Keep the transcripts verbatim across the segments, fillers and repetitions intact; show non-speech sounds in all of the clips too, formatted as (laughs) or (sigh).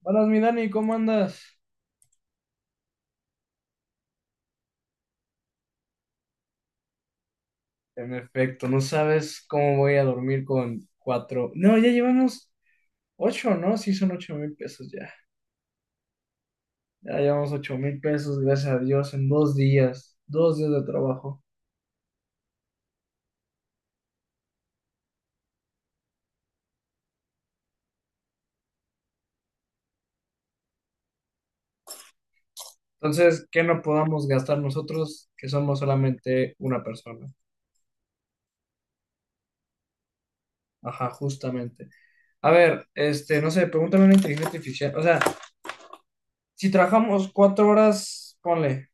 Buenas, mi Dani, ¿cómo andas? En efecto, no sabes cómo voy a dormir con cuatro. No, ya llevamos ocho, ¿no? Sí, son ocho mil pesos ya. Ya llevamos ocho mil pesos, gracias a Dios, en dos días, dos días de trabajo. Entonces, ¿qué no podamos gastar nosotros, que somos solamente una persona? Ajá, justamente. A ver, este, no sé, pregúntame una inteligencia artificial. O sea, si trabajamos cuatro horas, ponle,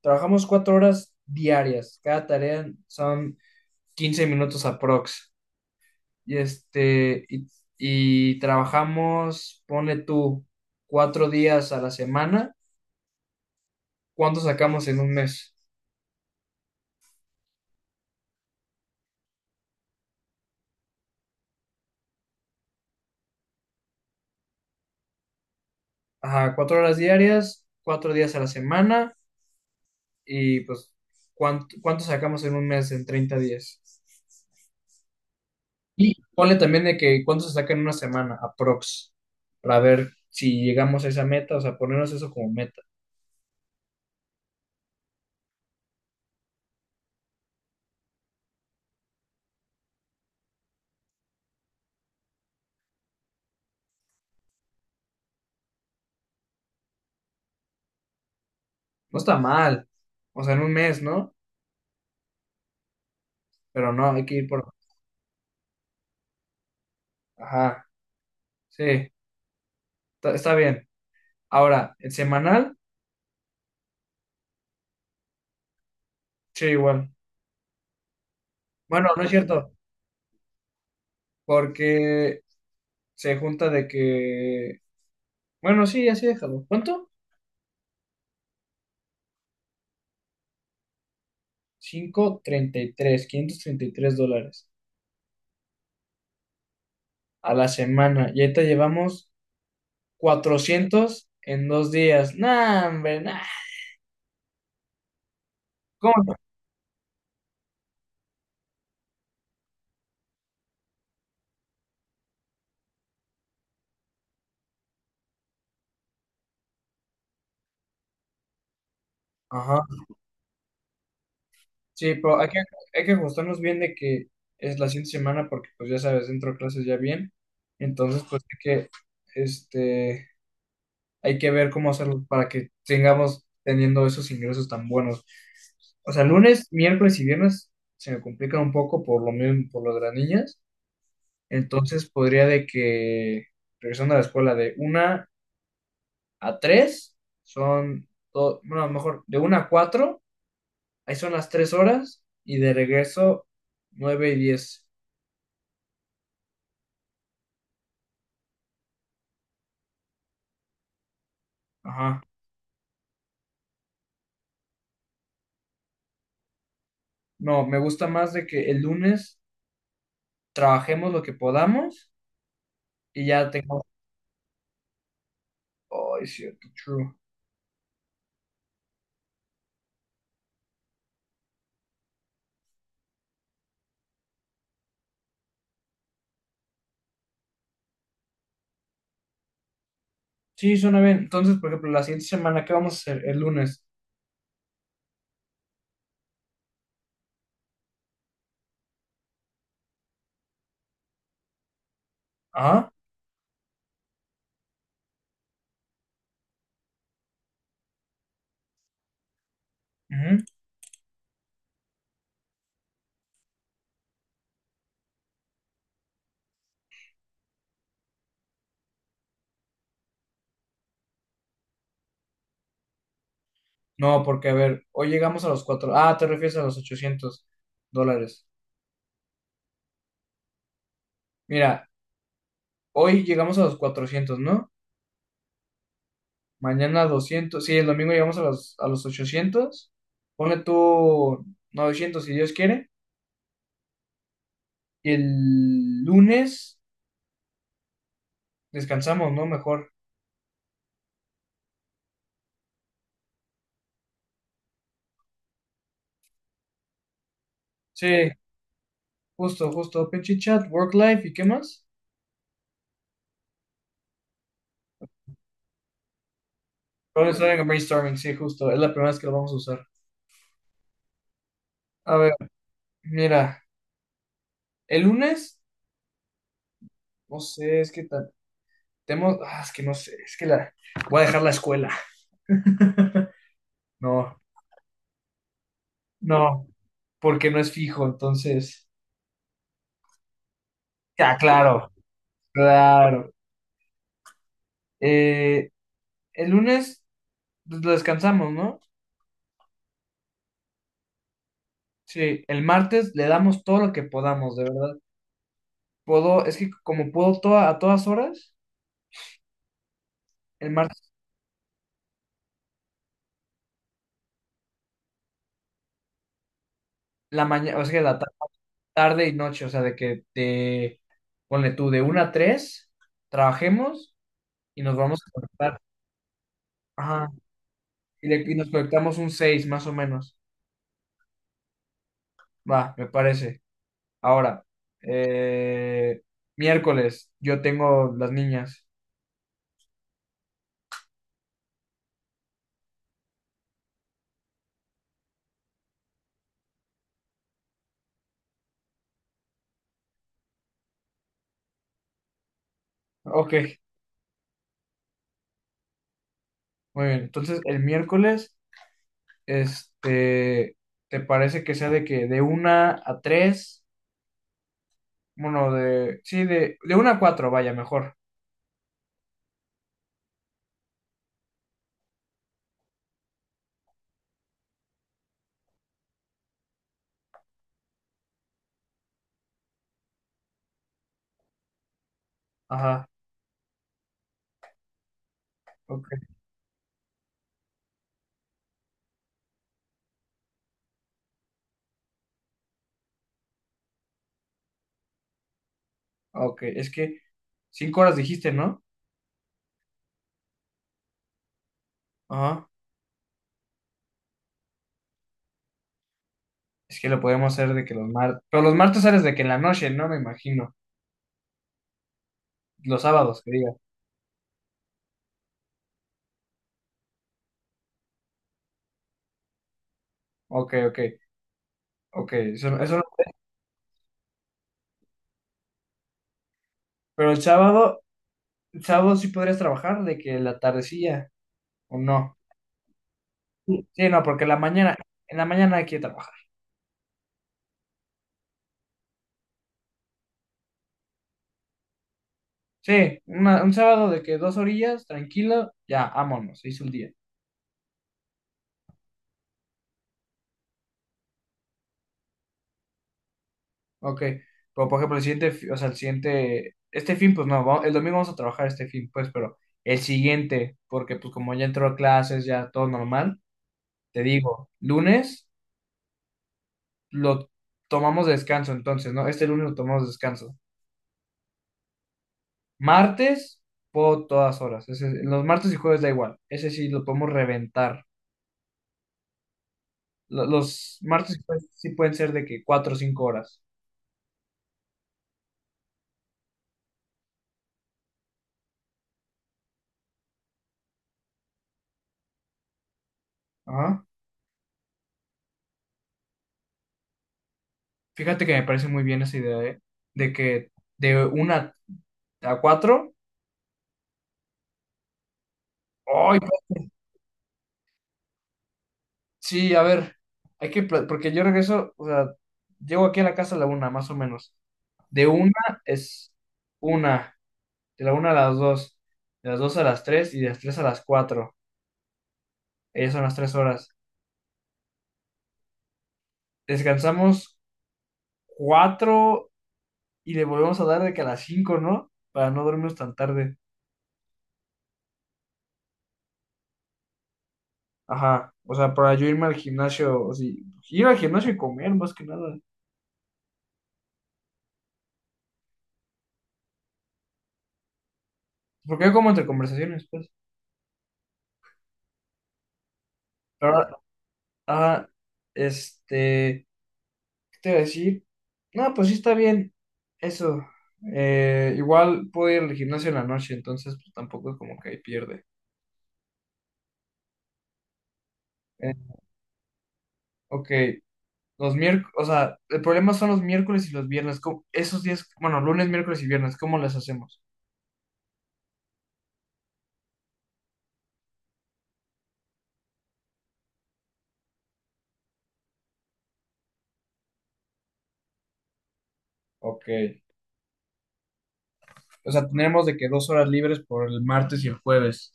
trabajamos cuatro horas diarias. Cada tarea son quince minutos aprox. Y este, y, y trabajamos, pone tú, cuatro días a la semana. ¿Cuánto sacamos en un mes? Ajá, cuatro horas diarias, cuatro días a la semana. Y pues, ¿cuánto, cuánto sacamos en un mes en treinta días? Y ponle también de que cuánto se saca en una semana, aprox, para ver si llegamos a esa meta, o sea, ponernos eso como meta. No está mal, o sea, en un mes, ¿no? Pero no, hay que ir por... Ajá, sí, está está bien. Ahora, el semanal, sí, igual. Bueno, no es cierto, porque se junta de que. Bueno, sí, así déjalo. ¿Cuánto? Treinta treinta y tres quinientos treinta y tres dólares a la semana. Y ahorita llevamos cuatrocientos en dos días. Nah, hombre, nah. ¿Cómo? ¿No? Ajá. Sí, pero hay que, hay que ajustarnos bien de que es la siguiente semana, porque, pues ya sabes, dentro de clases ya bien. Entonces, pues hay que. Este. Hay que ver cómo hacerlo para que tengamos teniendo esos ingresos tan buenos. O sea, lunes, miércoles y viernes se me complican un poco por lo mismo, por lo de las niñas. Entonces podría de que, regresando a la escuela, de una a tres son, todo, bueno, a lo mejor de una a cuatro, ahí son las tres horas, y de regreso nueve y diez. Ajá. No, me gusta más de que el lunes trabajemos lo que podamos y ya tengamos... Oh, es cierto, true. Sí, suena bien. Entonces, por ejemplo, la siguiente semana, ¿qué vamos a hacer? El lunes. Ah, ujú. No, porque a ver, hoy llegamos a los cuatro. Ah, te refieres a los ochocientos dólares. Mira, hoy llegamos a los cuatrocientos, ¿no? Mañana doscientos. Sí, el domingo llegamos a los, a los ochocientos. Pone tú novecientos si Dios quiere. Y el lunes descansamos, ¿no? Mejor. Sí, justo, justo. Pinche chat, work life, ¿y qué más? Brainstorming, brainstorming, sí, justo. Es la primera vez que lo vamos a usar. A ver, mira. El lunes, no sé, es que ta- tenemos, ah, es que no sé, es que la, voy a dejar la escuela. (laughs) No, no, porque no es fijo, entonces, ya, claro, claro. Eh, el lunes pues, lo descansamos, ¿no? Sí, el martes le damos todo lo que podamos, de verdad. Puedo, es que como puedo toda, a todas horas, el martes, la mañana, o sea, la ta- tarde y noche, o sea, de que te, ponle tú, de una a tres, trabajemos y nos vamos a conectar. Ajá, y, le- y nos conectamos un seis más o menos. Va, me parece. Ahora, eh, miércoles, yo tengo las niñas. Ok, muy bien. Entonces, el miércoles, este, ¿te parece que sea de que de una a tres? Bueno, de, sí, de, de una a cuatro vaya, mejor. Ajá, ok, ok. Es que cinco horas dijiste, ¿no? Ajá. Es que lo podemos hacer de que los martes. Pero los martes sales de que en la noche, ¿no? Me imagino. Los sábados, que diga. Ok, ok, ok. Eso, eso no- Pero el sábado, el sábado sí podrías trabajar de que la tardecilla, o no. Sí, sí, no, porque la mañana, en la mañana hay que trabajar. Sí, una- un sábado de que dos orillas, tranquilo, ya, vámonos, se hizo el día. Ok. Pero por ejemplo, el siguiente, fi- o sea, el siguiente, este fin, pues no, va- el domingo vamos a trabajar este fin, pues, pero el siguiente, porque pues como ya entró a clases, ya todo normal, te digo, lunes. Lo tomamos de descanso entonces, ¿no? Este lunes lo tomamos de descanso. Martes, puedo todas horas. Ese- los martes y jueves da igual. Ese sí lo podemos reventar. Lo- Los martes y jueves sí pueden ser de que cuatro o cinco horas. Ajá. Fíjate que me parece muy bien esa idea, ¿eh? De que de una a cuatro. ¡Ay! Sí, a ver. Hay que, pla- porque yo regreso, o sea, llego aquí a la casa a la una, más o menos. De una es una. De la una a las dos, de las dos a las tres y de las tres a las cuatro, ellas son las tres horas. Descansamos cuatro y le volvemos a dar de que a las cinco, ¿no? Para no dormirnos tan tarde. Ajá, o sea, para yo irme al gimnasio, o sí, ir al gimnasio y comer más que nada. Porque yo como entre conversaciones, pues. Pero, ajá, este, ¿qué te iba a decir? No, pues sí está bien. Eso. Eh, igual puedo ir al gimnasio en la noche, entonces pues, tampoco es como que ahí pierde. Eh, ok. Los miércoles, o sea, el problema son los miércoles y los viernes. ¿cómo- Esos días, bueno, lunes, miércoles y viernes, ¿cómo las hacemos? Ok. O sea, tenemos de que dos horas libres por el martes y el jueves.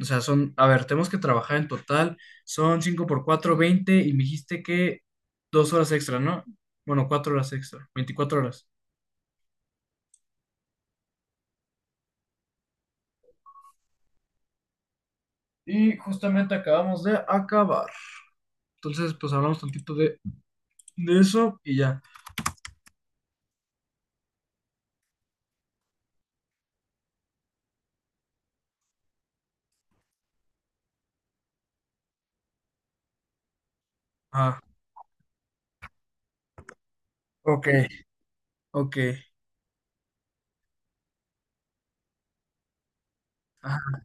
O sea, son, a ver, tenemos que trabajar en total, son cinco por cuatro veinte y me dijiste que dos horas extra, ¿no? Bueno, cuatro horas extra, veinticuatro horas. Y justamente acabamos de acabar. Entonces, pues hablamos tantito de, de eso y ya. Ah, ok, ok, ajá,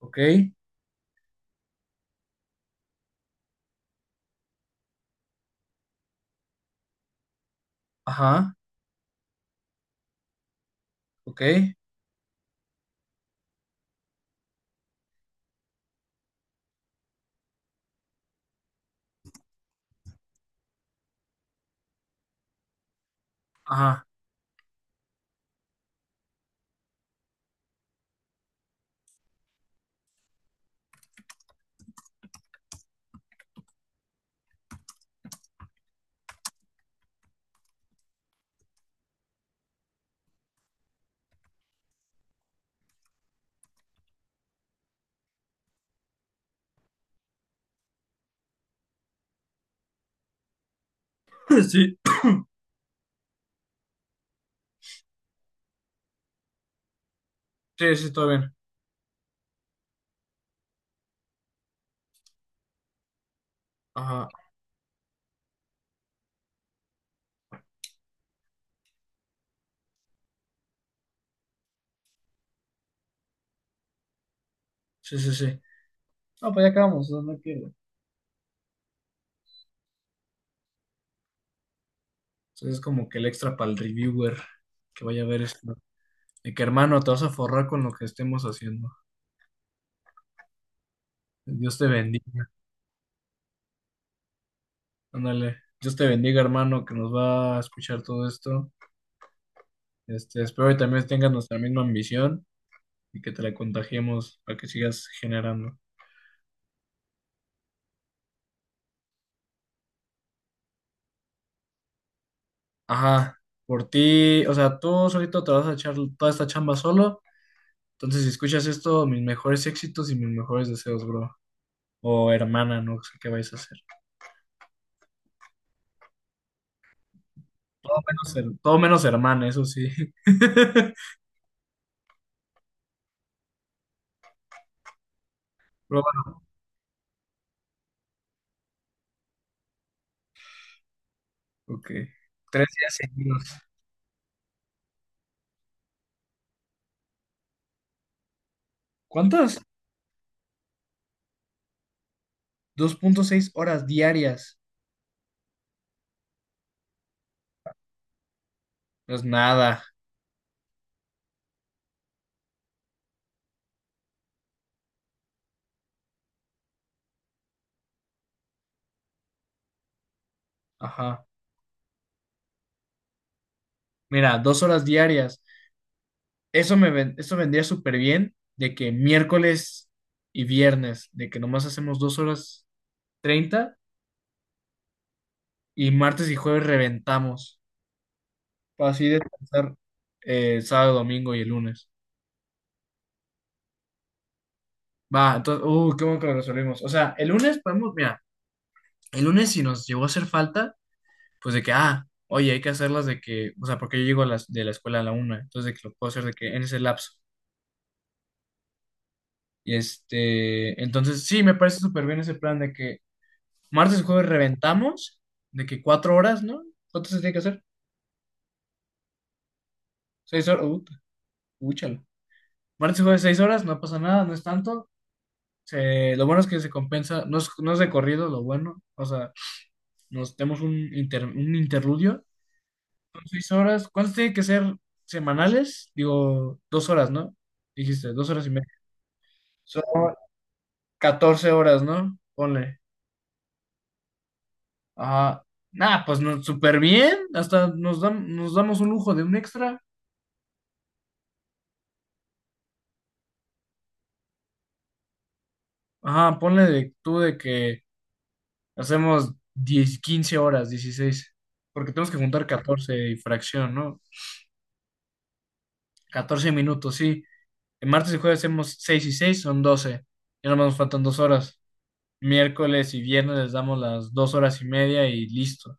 ok, ajá, ok, ajá. Sí, sí, sí, todo bien. Ajá, sí, sí, sí. Ah, pues ya acabamos, no hay pierde. Entonces es como que el extra para el reviewer que vaya a ver esto. Y que hermano, te vas a forrar con lo que estemos haciendo. Dios te bendiga. Ándale. Dios te bendiga, hermano, que nos va a escuchar todo esto. Este, espero que también tengas nuestra misma ambición y que te la contagiemos para que sigas generando. Ajá, por ti, o sea, tú solito te vas a echar toda esta chamba solo. Entonces, si escuchas esto, mis mejores éxitos y mis mejores deseos, bro. O hermana, no sé qué vais a hacer. Menos her- todo menos hermana, eso sí. (laughs) Pero bueno, ok. Tres días seguidos. ¿Cuántas? Dos punto seis horas diarias. Pues nada. Ajá. Mira, dos horas diarias. Eso me ven- eso vendría súper bien de que miércoles y viernes, de que nomás hacemos dos horas treinta y martes y jueves reventamos. Para así descansar eh, sábado, domingo y el lunes. Va, entonces, uh, qué bueno que lo resolvimos. O sea, el lunes podemos, mira. El lunes si nos llegó a hacer falta, pues de que, ah, oye, hay que hacerlas de que, o sea, porque yo llego a las, de la escuela a la una, entonces de que lo puedo hacer de que en ese lapso. Y este, entonces sí, me parece súper bien ese plan de que martes y jueves reventamos, de que cuatro horas, ¿no? ¿Cuánto se tiene que hacer? Seis horas, uh, úchala. Martes y jueves seis horas, no pasa nada, no es tanto. Se- lo bueno es que se compensa, no es, no es de corrido, lo bueno, o sea, nos tenemos un, inter- un interludio. Seis horas. ¿Cuánto tiene que ser semanales? Digo, dos horas, ¿no? Dijiste, dos horas y media. Son catorce horas, ¿no? Ponle. Ajá. Nah, pues no, súper bien. Hasta nos, dam- nos damos un lujo de un extra. Ajá, ponle de, tú de que hacemos diez quince horas, dieciséis. Porque tenemos que juntar catorce y fracción, ¿no? Catorce minutos, sí. En martes y jueves hacemos seis y seis son doce. Y nada más nos faltan dos horas. Miércoles y viernes les damos las dos horas y media y listo.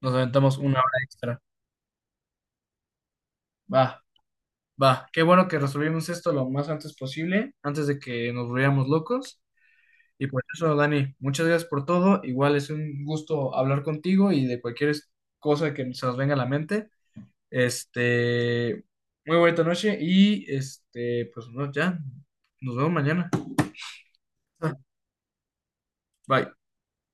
Nos aventamos una hora extra. Va, va. Qué bueno que resolvimos esto lo más antes posible, antes de que nos volviéramos locos. Y por eso, Dani, muchas gracias por todo. Igual es un gusto hablar contigo y de cualquier es- cosa que se nos venga a la mente. Este, muy bonita noche y este, pues no, ya, nos vemos mañana. Ah, bye.